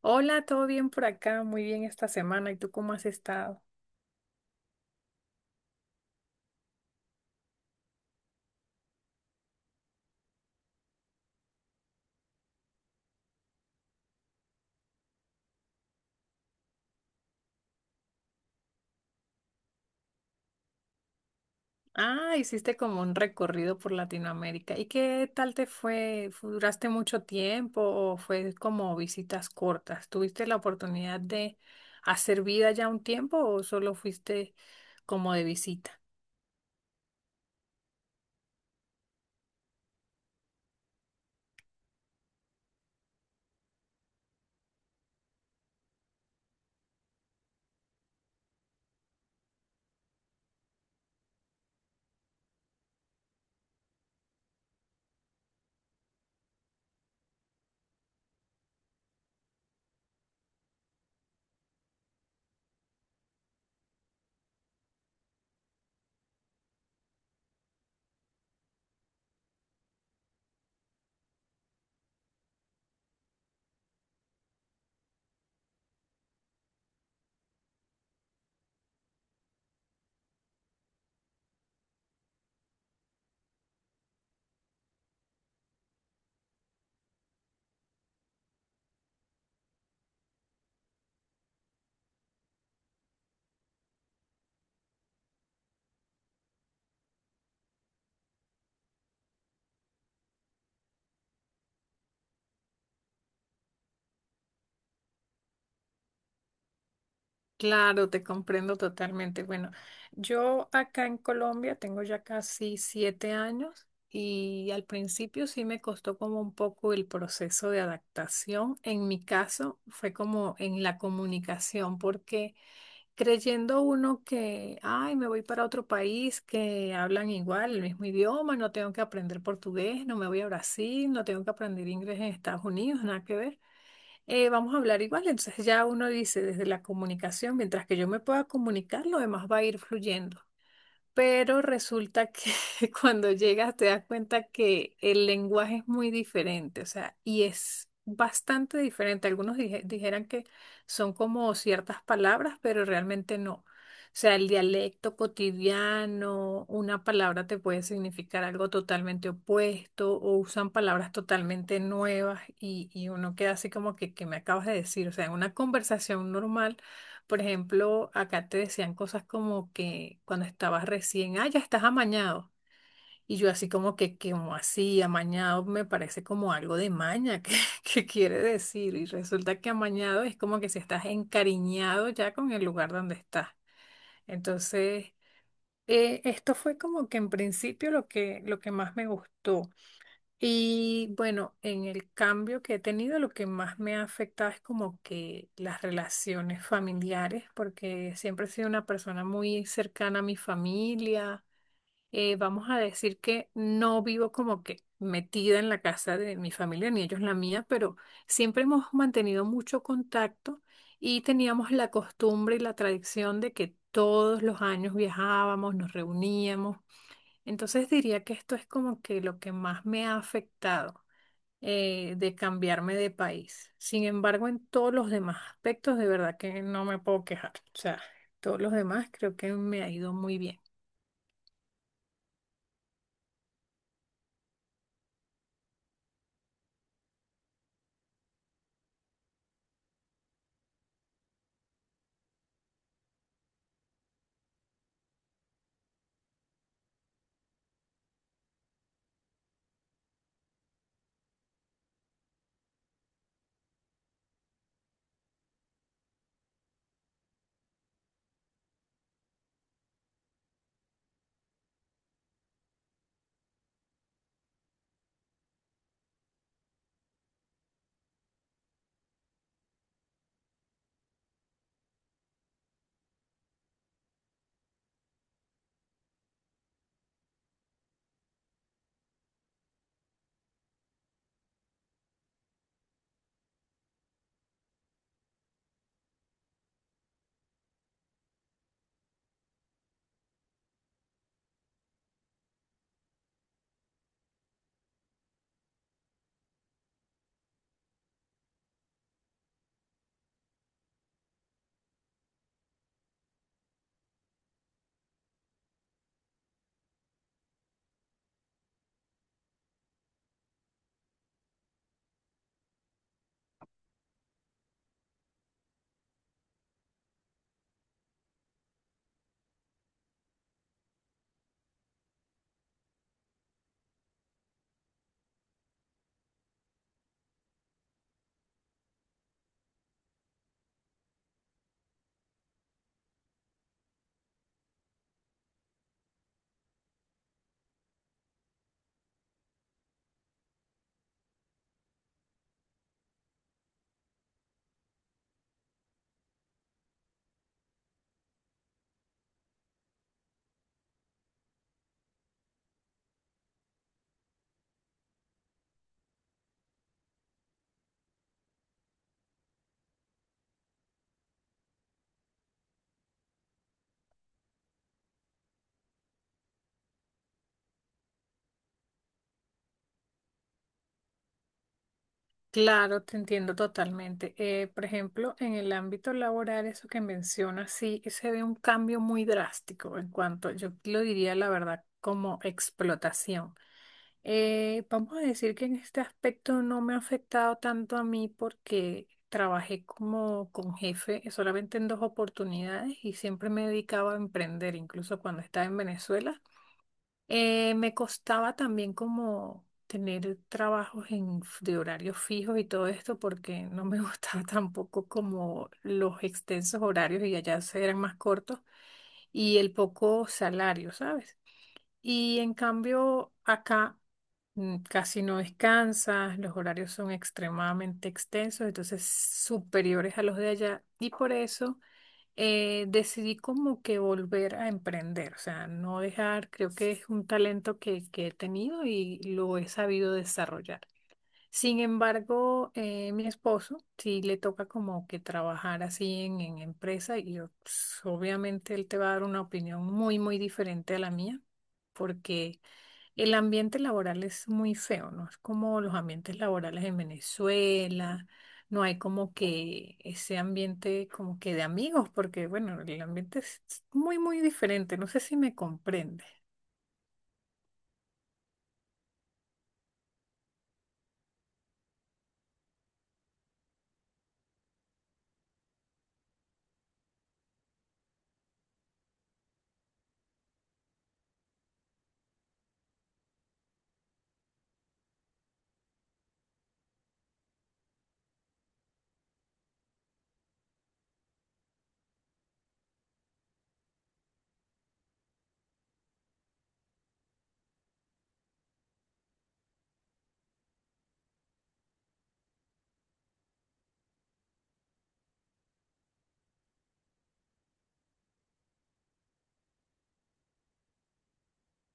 Hola, ¿todo bien por acá? Muy bien esta semana. ¿Y tú cómo has estado? Ah, hiciste como un recorrido por Latinoamérica. ¿Y qué tal te fue? ¿Duraste mucho tiempo o fue como visitas cortas? ¿Tuviste la oportunidad de hacer vida ya un tiempo o solo fuiste como de visita? Claro, te comprendo totalmente. Bueno, yo acá en Colombia tengo ya casi 7 años y al principio sí me costó como un poco el proceso de adaptación. En mi caso fue como en la comunicación, porque creyendo uno que, ay, me voy para otro país que hablan igual, el mismo idioma, no tengo que aprender portugués, no me voy a Brasil, no tengo que aprender inglés en Estados Unidos, nada que ver. Vamos a hablar igual. Entonces ya uno dice desde la comunicación, mientras que yo me pueda comunicar, lo demás va a ir fluyendo, pero resulta que cuando llegas te das cuenta que el lenguaje es muy diferente, o sea, y es bastante diferente. Algunos dijeran que son como ciertas palabras, pero realmente no. O sea, el dialecto cotidiano, una palabra te puede significar algo totalmente opuesto o usan palabras totalmente nuevas y uno queda así como que me acabas de decir. O sea, en una conversación normal. Por ejemplo, acá te decían cosas como que cuando estabas recién, ah, ya estás amañado. Y yo así como que, como así, amañado me parece como algo de maña, que quiere decir. Y resulta que amañado es como que si estás encariñado ya con el lugar donde estás. Entonces, esto fue como que en principio lo que más me gustó. Y bueno, en el cambio que he tenido, lo que más me ha afectado es como que las relaciones familiares, porque siempre he sido una persona muy cercana a mi familia. Vamos a decir que no vivo como que metida en la casa de mi familia, ni ellos la mía, pero siempre hemos mantenido mucho contacto y teníamos la costumbre y la tradición de que todos los años viajábamos, nos reuníamos. Entonces diría que esto es como que lo que más me ha afectado, de cambiarme de país. Sin embargo, en todos los demás aspectos, de verdad que no me puedo quejar. O sea, todos los demás creo que me ha ido muy bien. Claro, te entiendo totalmente. Por ejemplo, en el ámbito laboral, eso que mencionas, sí, se ve un cambio muy drástico en cuanto, yo lo diría la verdad, como explotación. Vamos a decir que en este aspecto no me ha afectado tanto a mí porque trabajé como con jefe solamente en 2 oportunidades y siempre me dedicaba a emprender, incluso cuando estaba en Venezuela. Me costaba también como tener trabajos en, de horarios fijos y todo esto porque no me gustaba tampoco como los extensos horarios y allá se eran más cortos y el poco salario, ¿sabes? Y en cambio, acá casi no descansas, los horarios son extremadamente extensos, entonces superiores a los de allá. Y por eso decidí como que volver a emprender, o sea, no dejar, creo que es un talento que he tenido y lo he sabido desarrollar. Sin embargo, mi esposo sí le toca como que trabajar así en empresa y yo, pues, obviamente él te va a dar una opinión muy, muy diferente a la mía, porque el ambiente laboral es muy feo, ¿no? Es como los ambientes laborales en Venezuela, no hay como que ese ambiente como que de amigos, porque bueno, el ambiente es muy, muy diferente, no sé si me comprende.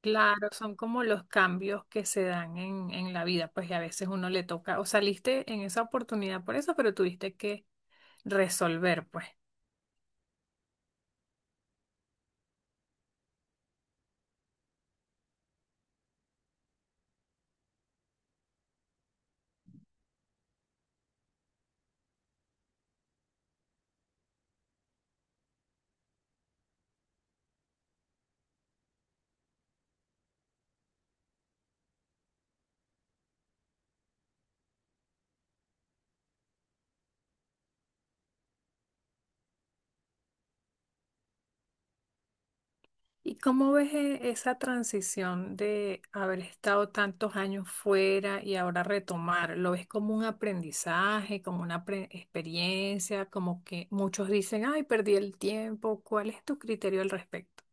Claro, son como los cambios que se dan en la vida, pues y a veces uno le toca, o saliste en esa oportunidad por eso, pero tuviste que resolver, pues. ¿Y cómo ves esa transición de haber estado tantos años fuera y ahora retomar? ¿Lo ves como un aprendizaje, como una experiencia, como que muchos dicen, ay, perdí el tiempo? ¿Cuál es tu criterio al respecto?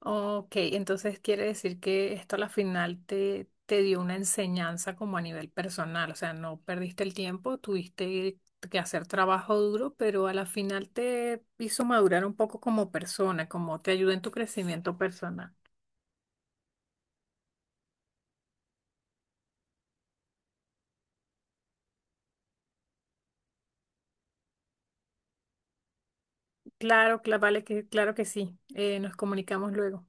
Ok, entonces quiere decir que esto a la final te, te dio una enseñanza como a nivel personal, o sea, no perdiste el tiempo, tuviste que hacer trabajo duro, pero a la final te hizo madurar un poco como persona, como te ayudó en tu crecimiento personal. Claro, vale que, claro que sí. Nos comunicamos luego.